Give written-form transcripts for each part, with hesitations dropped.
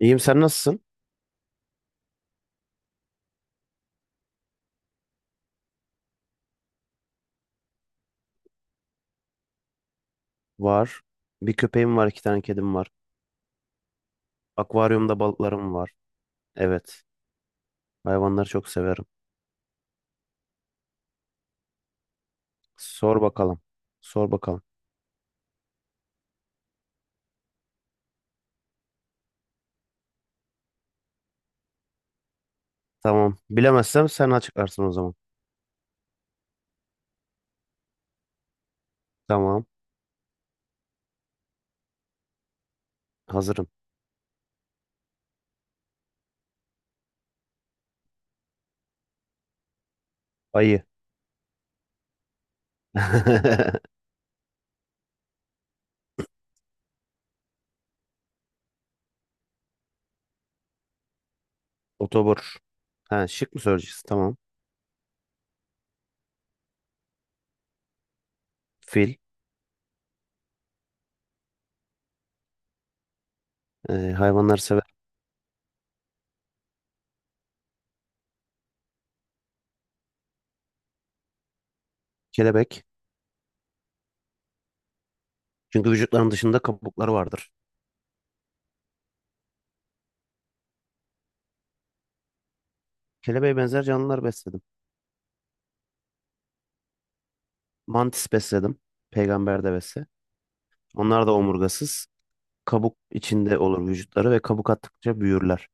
İyiyim sen nasılsın? Var. Bir köpeğim var, iki tane kedim var. Akvaryumda balıklarım var. Evet. Hayvanları çok severim. Sor bakalım. Sor bakalım. Tamam. Bilemezsem sen açıklarsın o zaman. Tamam. Hazırım. Ayı. Otobur. Ha, şık mı söyleyeceksin? Tamam. Fil. Hayvanları sever. Kelebek. Çünkü vücutlarının dışında kabukları vardır. Kelebeğe benzer canlılar besledim. Mantis besledim. Peygamber devesi. Onlar da omurgasız. Kabuk içinde olur vücutları ve kabuk attıkça büyürler.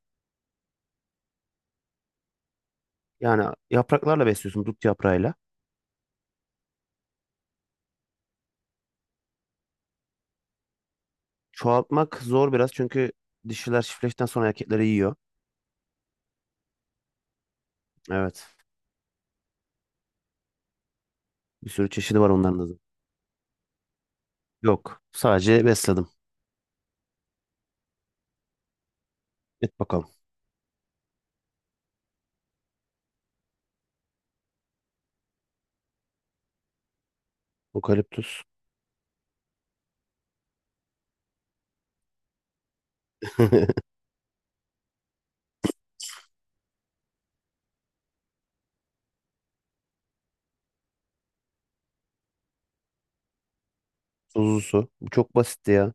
Yani yapraklarla besliyorsun, dut yaprağıyla. Çoğaltmak zor biraz çünkü dişiler çiftleştikten sonra erkekleri yiyor. Evet. Bir sürü çeşidi var onların da. Yok. Sadece besledim. Et bakalım. Okaliptüs. Tuzlu su. Bu çok basitti ya.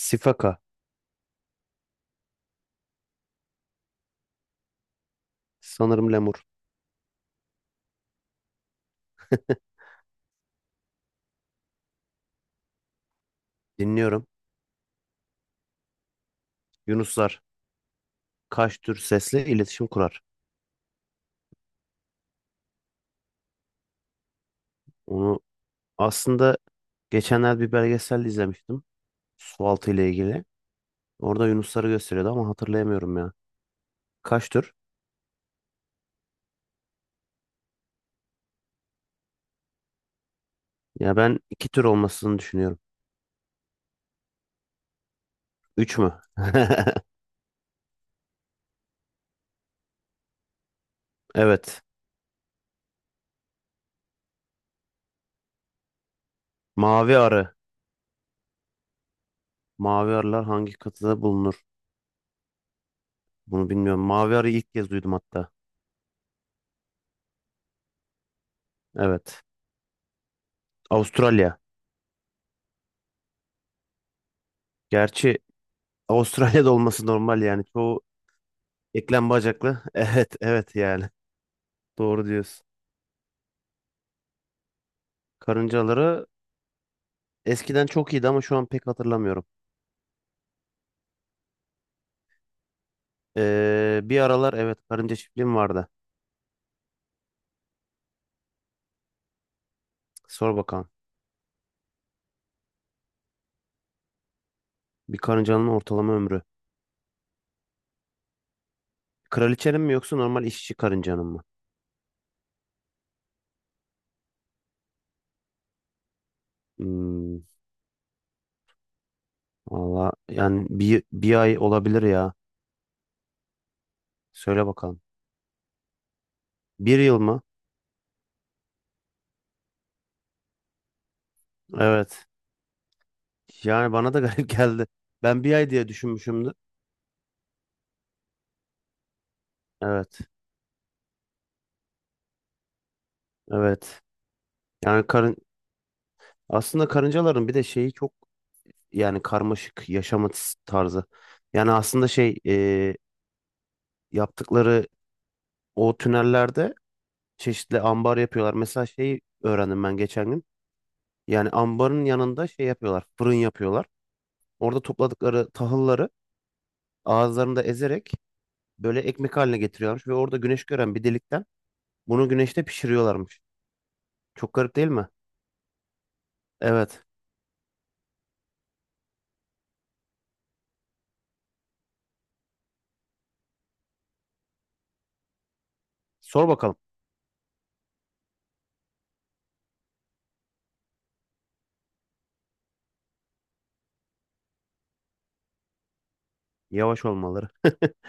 Sifaka. Sanırım lemur. Dinliyorum. Yunuslar. Kaç tür sesle iletişim kurar? Onu aslında geçenlerde bir belgesel izlemiştim. Sualtı ile ilgili. Orada yunusları gösteriyordu ama hatırlayamıyorum ya. Kaç tür? Ya ben iki tür olmasını düşünüyorum. Üç mü? Evet. Mavi arı. Mavi arılar hangi kıtada bulunur? Bunu bilmiyorum. Mavi arıyı ilk kez duydum hatta. Evet. Avustralya. Gerçi Avustralya'da olması normal yani. Çoğu eklem bacaklı. Evet, evet yani. Doğru diyorsun. Karıncaları eskiden çok iyiydi ama şu an pek hatırlamıyorum. Bir aralar evet karınca çiftliğim vardı. Sor bakalım. Bir karıncanın ortalama ömrü. Kraliçenin mi yoksa normal işçi karıncanın mı? Hmm, Valla yani bir ay olabilir ya. Söyle bakalım. Bir yıl mı? Evet. Yani bana da garip geldi. Ben bir ay diye düşünmüşümdü. Evet. Evet. Yani karın Aslında karıncaların bir de şeyi çok, yani karmaşık yaşama tarzı. Yani aslında yaptıkları o tünellerde çeşitli ambar yapıyorlar. Mesela şeyi öğrendim ben geçen gün. Yani ambarın yanında şey yapıyorlar. Fırın yapıyorlar. Orada topladıkları tahılları ağızlarında ezerek böyle ekmek haline getiriyorlarmış ve orada güneş gören bir delikten bunu güneşte pişiriyorlarmış. Çok garip değil mi? Evet. Sor bakalım. Yavaş olmaları,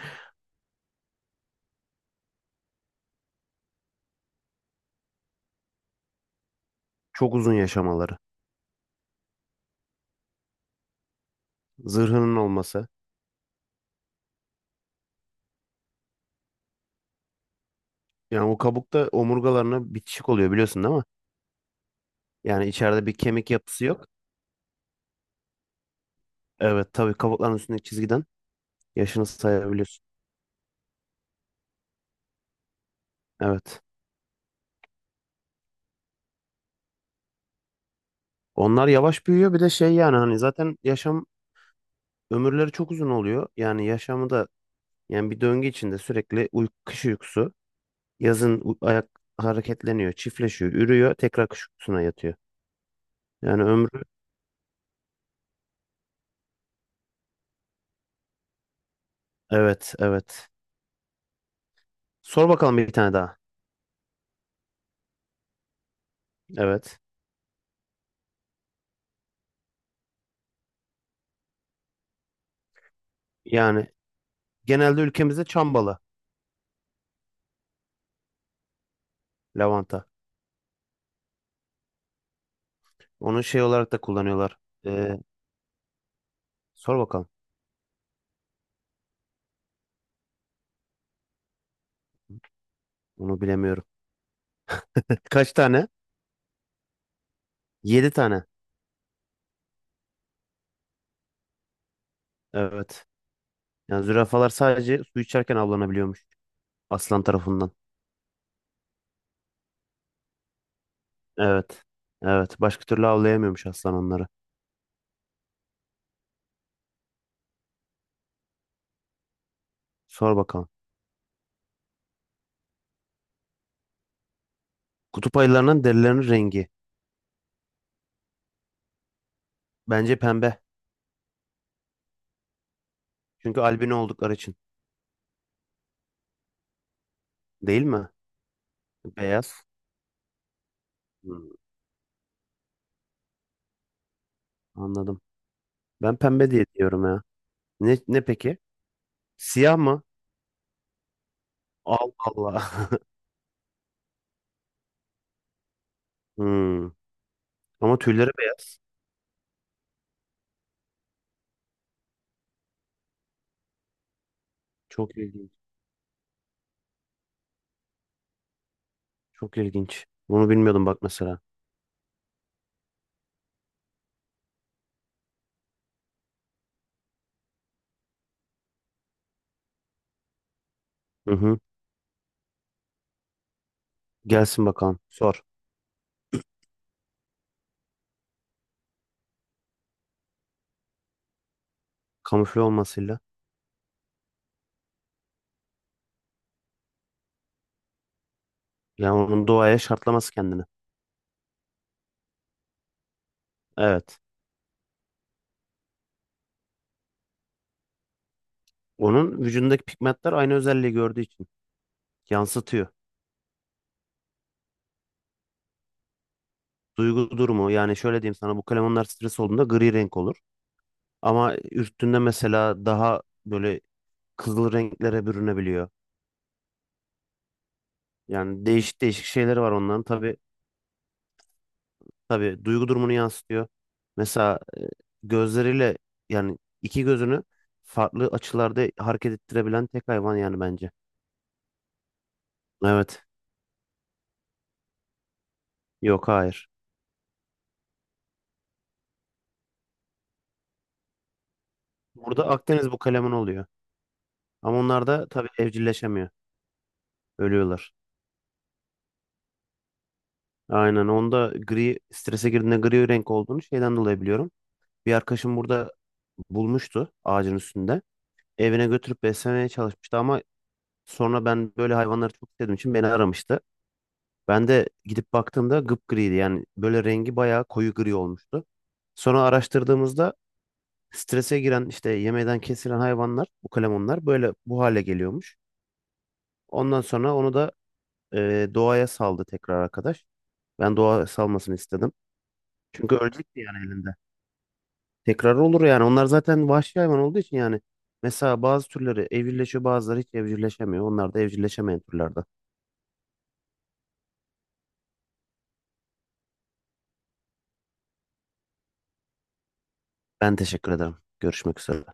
çok uzun yaşamaları, zırhının olması. Yani o kabukta omurgalarına bitişik oluyor, biliyorsun değil mi? Yani içeride bir kemik yapısı yok. Evet, tabii kabukların üstündeki çizgiden yaşını sayabiliyorsun. Evet. Onlar yavaş büyüyor, bir de şey yani hani zaten yaşam ömürleri çok uzun oluyor. Yani yaşamı da, yani bir döngü içinde sürekli kış uykusu, yazın ayak hareketleniyor, çiftleşiyor, ürüyor, tekrar kış uykusuna yatıyor. Yani ömrü, evet evet. Sor bakalım bir tane daha. Evet. Yani genelde ülkemizde çambalı, lavanta. Onu şey olarak da kullanıyorlar. Ee, Sor bakalım. Onu bilemiyorum. Kaç tane? Yedi tane. Evet. Yani zürafalar sadece su içerken avlanabiliyormuş aslan tarafından. Evet. Evet. Başka türlü avlayamıyormuş aslan onları. Sor bakalım. Kutup ayılarının derilerinin rengi. Bence pembe. Çünkü albino oldukları için. Değil mi? Beyaz. Hmm, Anladım. Ben pembe diye diyorum ya. Ne, ne peki? Siyah mı? Allah Allah. Hmm. Ama tüyleri beyaz. Çok ilginç. Çok ilginç. Bunu bilmiyordum bak mesela. Hı hı. Gelsin bakalım. Sor. Kamufle olmasıyla. Yani onun doğaya şartlaması kendini. Evet. Onun vücudundaki pigmentler aynı özelliği gördüğü için yansıtıyor. Duygu durumu, yani şöyle diyeyim sana, bu kalemunlar stres olduğunda gri renk olur. Ama üstünde mesela daha böyle kızıl renklere bürünebiliyor. Yani değişik değişik şeyleri var onların. Tabii tabii duygu durumunu yansıtıyor. Mesela gözleriyle, yani iki gözünü farklı açılarda hareket ettirebilen tek hayvan yani bence. Evet. Yok, hayır. Burada Akdeniz bu kalemin oluyor. Ama onlar da tabii evcilleşemiyor. Ölüyorlar. Aynen, onda gri, strese girdiğinde gri renk olduğunu şeyden dolayı biliyorum. Bir arkadaşım burada bulmuştu ağacın üstünde. Evine götürüp beslemeye çalışmıştı ama sonra ben böyle hayvanları çok sevdiğim için beni aramıştı. Ben de gidip baktığımda gıpgriydi, yani böyle rengi bayağı koyu gri olmuştu. Sonra araştırdığımızda strese giren işte yemeden kesilen hayvanlar, ukalemonlar böyle bu hale geliyormuş. Ondan sonra onu da doğaya saldı tekrar arkadaş. Ben doğa salmasını istedim. Çünkü ölecekti yani elinde. Tekrar olur yani. Onlar zaten vahşi hayvan olduğu için yani. Mesela bazı türleri evcilleşiyor, bazıları hiç evcilleşemiyor. Onlar da evcilleşemeyen türlerden. Ben teşekkür ederim. Görüşmek üzere.